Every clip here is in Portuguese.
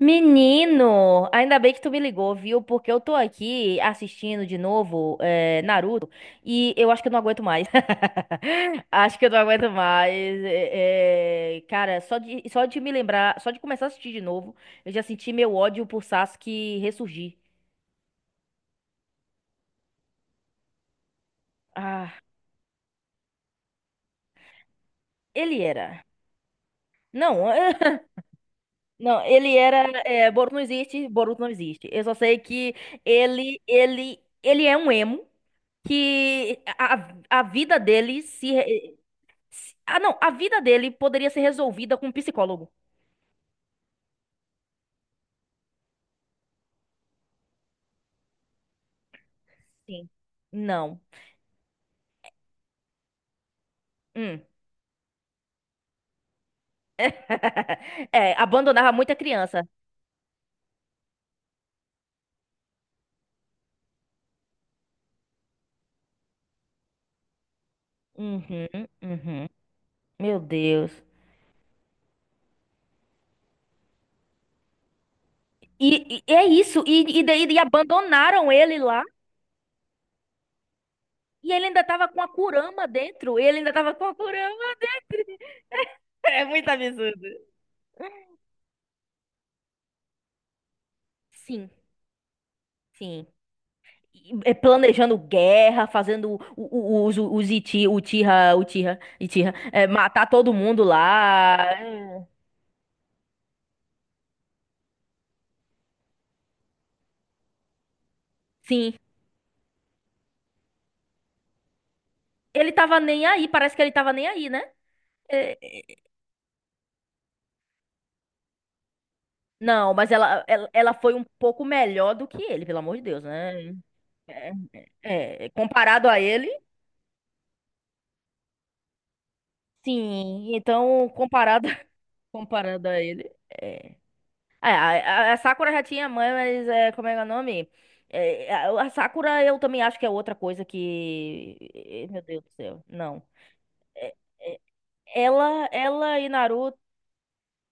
Menino, ainda bem que tu me ligou, viu? Porque eu tô aqui assistindo de novo Naruto e eu acho que eu não aguento mais. Acho que eu não aguento mais. Cara, só de me lembrar, só de começar a assistir de novo, eu já senti meu ódio por Sasuke ressurgir. Ah, ele era. Não, Não, ele era. É, Boruto não existe, Boruto não existe. Eu só sei que ele é um emo que a vida dele se, re- se- Ah, não, a vida dele poderia ser resolvida com um psicólogo. Sim. Não. Hum. É, abandonava muita criança. Uhum, uhum. Meu Deus. E é isso. E daí e abandonaram ele lá. E ele ainda tava com a Kurama dentro. Ele ainda tava com a Kurama. É muito absurdo. Sim. Sim. E planejando guerra, fazendo os Itira, matar todo mundo lá. Sim. Ele tava nem aí, parece que ele tava nem aí, né? É, é, não, mas ela foi um pouco melhor do que ele, pelo amor de Deus, né? É, comparado a ele, sim. Então, comparado, comparado a ele. é, É, a, a Sakura já tinha mãe, mas como é que é o nome? A Sakura eu também acho que é outra coisa que. Meu Deus do céu, não. É- é- ela e Naruto.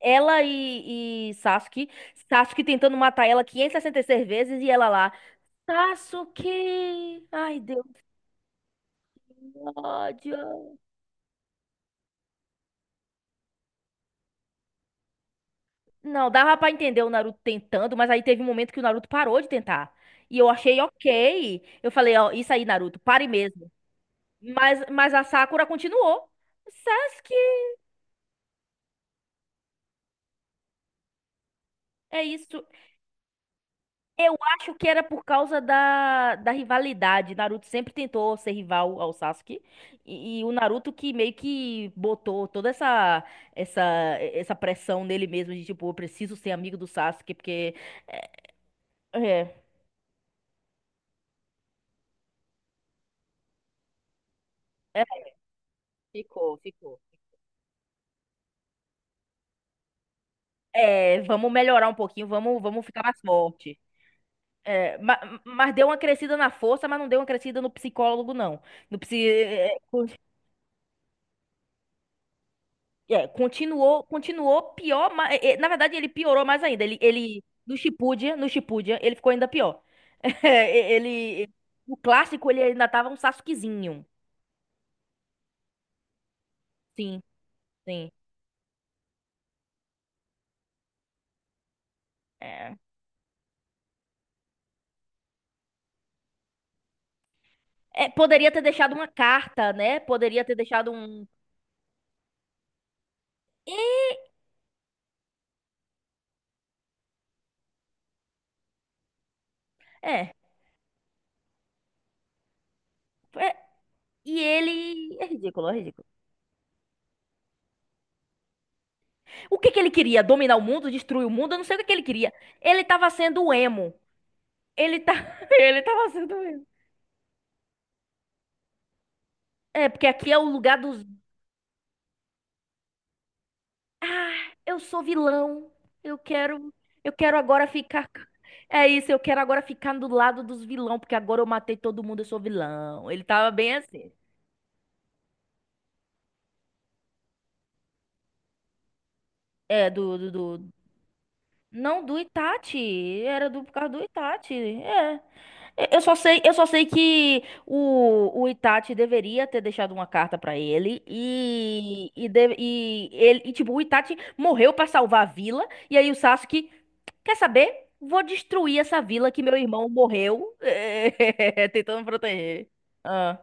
Ela e Sasuke. Sasuke tentando matar ela 566 vezes e ela lá. Sasuke! Ai, Deus, que ódio. Não, dava pra entender o Naruto tentando, mas aí teve um momento que o Naruto parou de tentar. E eu achei ok. Eu falei, ó, isso aí, Naruto, pare mesmo. Mas a Sakura continuou. Sasuke, é isso. Eu acho que era por causa da rivalidade. Naruto sempre tentou ser rival ao Sasuke. E o Naruto que meio que botou toda essa, essa pressão nele mesmo de tipo, eu preciso ser amigo do Sasuke, porque. É, é, Ficou, ficou. Vamos melhorar um pouquinho, vamos ficar mais forte. É, mas, deu uma crescida na força, mas não deu uma crescida no psicólogo, não. No psi, é, É, continuou, continuou pior, na verdade ele piorou mais ainda. Ele no Shippuden, ele ficou ainda pior. É, no clássico ele ainda tava um Sasukezinho. Sim, sim. É. É, poderia ter deixado uma carta, né? Poderia ter deixado um. É, é, e ele. É ridículo, é ridículo. O que que ele queria? Dominar o mundo, destruir o mundo? Eu não sei o que que ele queria. Ele tava sendo emo. Ele tá, ele tava sendo emo. É, porque aqui é o lugar dos. Ah, eu sou vilão. Eu quero, eu quero agora ficar. É isso, eu quero agora ficar do lado dos vilão, porque agora eu matei todo mundo, eu sou vilão. Ele tava bem assim. É, do, do, do- Não, do Itachi. Era por causa do Itachi. É. Eu só sei que o Itachi deveria ter deixado uma carta pra ele tipo o Itachi morreu pra salvar a vila e aí o Sasuke, quer saber? Vou destruir essa vila que meu irmão morreu tentando proteger. Ah,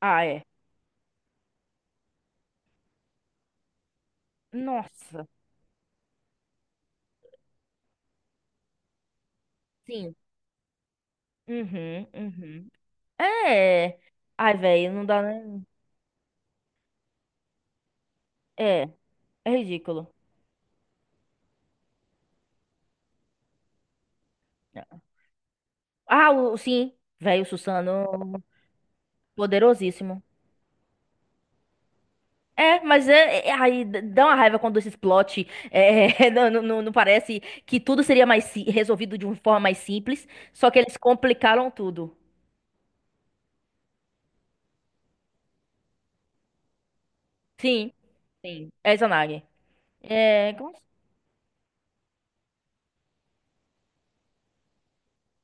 ah, é. Nossa. Sim. Uhum, uhum. É. Ai, velho, não dá nem. É, é ridículo. Ah, sim, velho, Susano, poderosíssimo. É, mas aí dá uma raiva quando esses plot não parece que tudo seria mais resolvido de uma forma mais simples, só que eles complicaram tudo. Sim, sim, é Izanagi. É,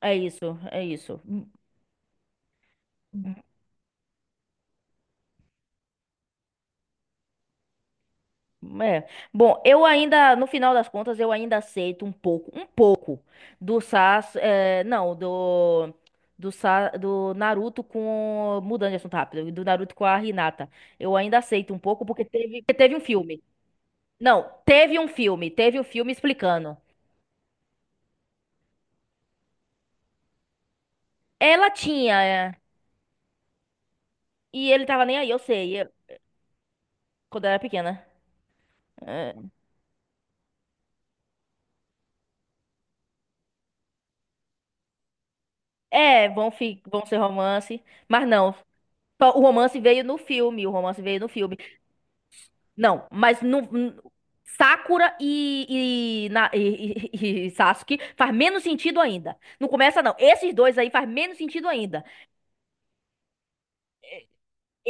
é isso, é isso. Hum. É. Bom, eu ainda, no final das contas, eu ainda aceito um pouco do não, do Naruto, com mudando de assunto rápido, do Naruto com a Hinata. Eu ainda aceito um pouco porque teve um filme. Não, teve um filme, teve o filme explicando. Ela tinha, e ele tava nem aí, eu sei, quando eu era pequena. É, vão ser romance, mas não. O romance veio no filme, o romance veio no filme. Não, mas no, n- Sakura e Sasuke faz menos sentido ainda. Não começa, não. Esses dois aí faz menos sentido ainda.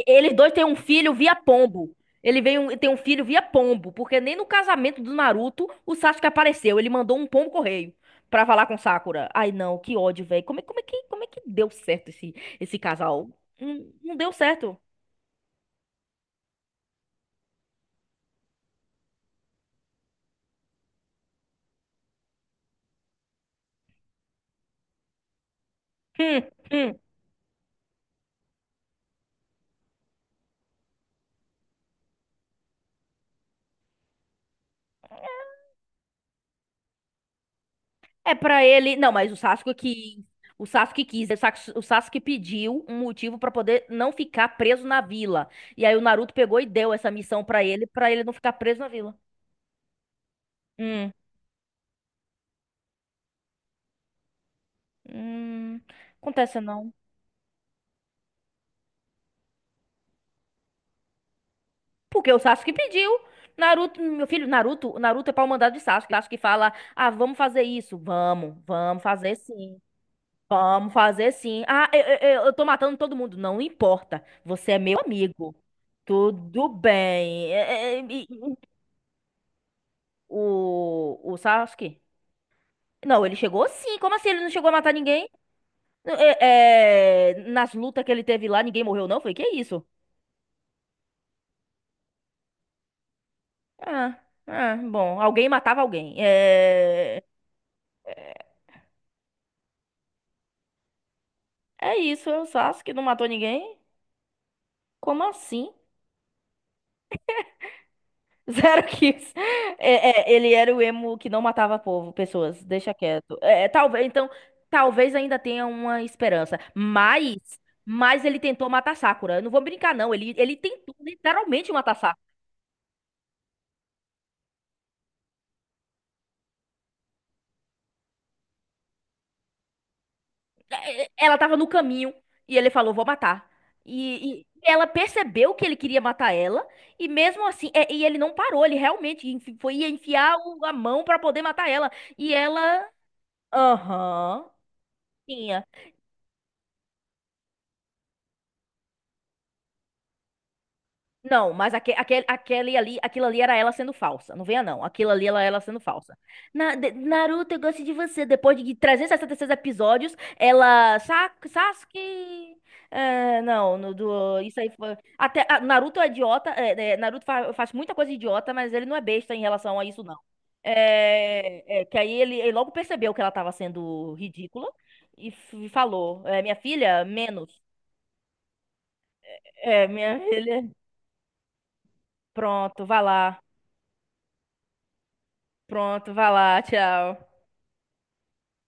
Eles dois têm um filho via pombo. Ele veio, tem um filho via pombo, porque nem no casamento do Naruto o Sasuke apareceu. Ele mandou um pombo correio pra falar com Sakura. Ai, não, que ódio, velho. Como é que deu certo esse casal? Não, não deu certo. Hum, hum. É pra ele. Não, mas o Sasuke que o Sasuke quis, o Sas- o Sasuke pediu um motivo pra poder não ficar preso na vila. E aí o Naruto pegou e deu essa missão pra ele não ficar preso na vila. Hum, hum. Acontece não. Porque o Sasuke pediu. Naruto, meu filho, Naruto é pau mandado de Sasuke. Sasuke fala: "Ah, vamos fazer isso. Vamos fazer sim. Vamos fazer sim. Ah, eu tô matando todo mundo. Não importa. Você é meu amigo. Tudo bem." O Sasuke? Não, ele chegou sim. Como assim ele não chegou a matar ninguém? Nas lutas que ele teve lá, ninguém morreu, não? Foi que isso? Ah, ah, bom, alguém matava alguém. É. é, É isso, é o Sasuke que não matou ninguém? Como assim? Zero kills. Ele era o emo que não matava povo, pessoas, deixa quieto. É, talvez, então, talvez ainda tenha uma esperança. Mas ele tentou matar Sakura. Eu não vou brincar, não. Ele tentou literalmente matar Sakura. Ela tava no caminho e ele falou, vou matar. E ela percebeu que ele queria matar ela. E mesmo assim, e ele não parou. Ele realmente enfi- foi ia enfiar a mão pra poder matar ela. E ela. Aham. Tinha. Não, mas aque, aquele, aquele ali, aquilo ali era ela sendo falsa. Não venha, não. Aquilo ali era ela sendo falsa. Naruto, eu gosto de você. Depois de 366 episódios, ela. Sasuke. É, não, no, do, isso aí foi. Até, ah, Naruto é idiota. Naruto faz muita coisa idiota, mas ele não é besta em relação a isso, não. Que aí ele logo percebeu que ela tava sendo ridícula e falou: minha filha, menos. É, minha filha. Pronto, vá lá. Pronto, vá lá. Tchau.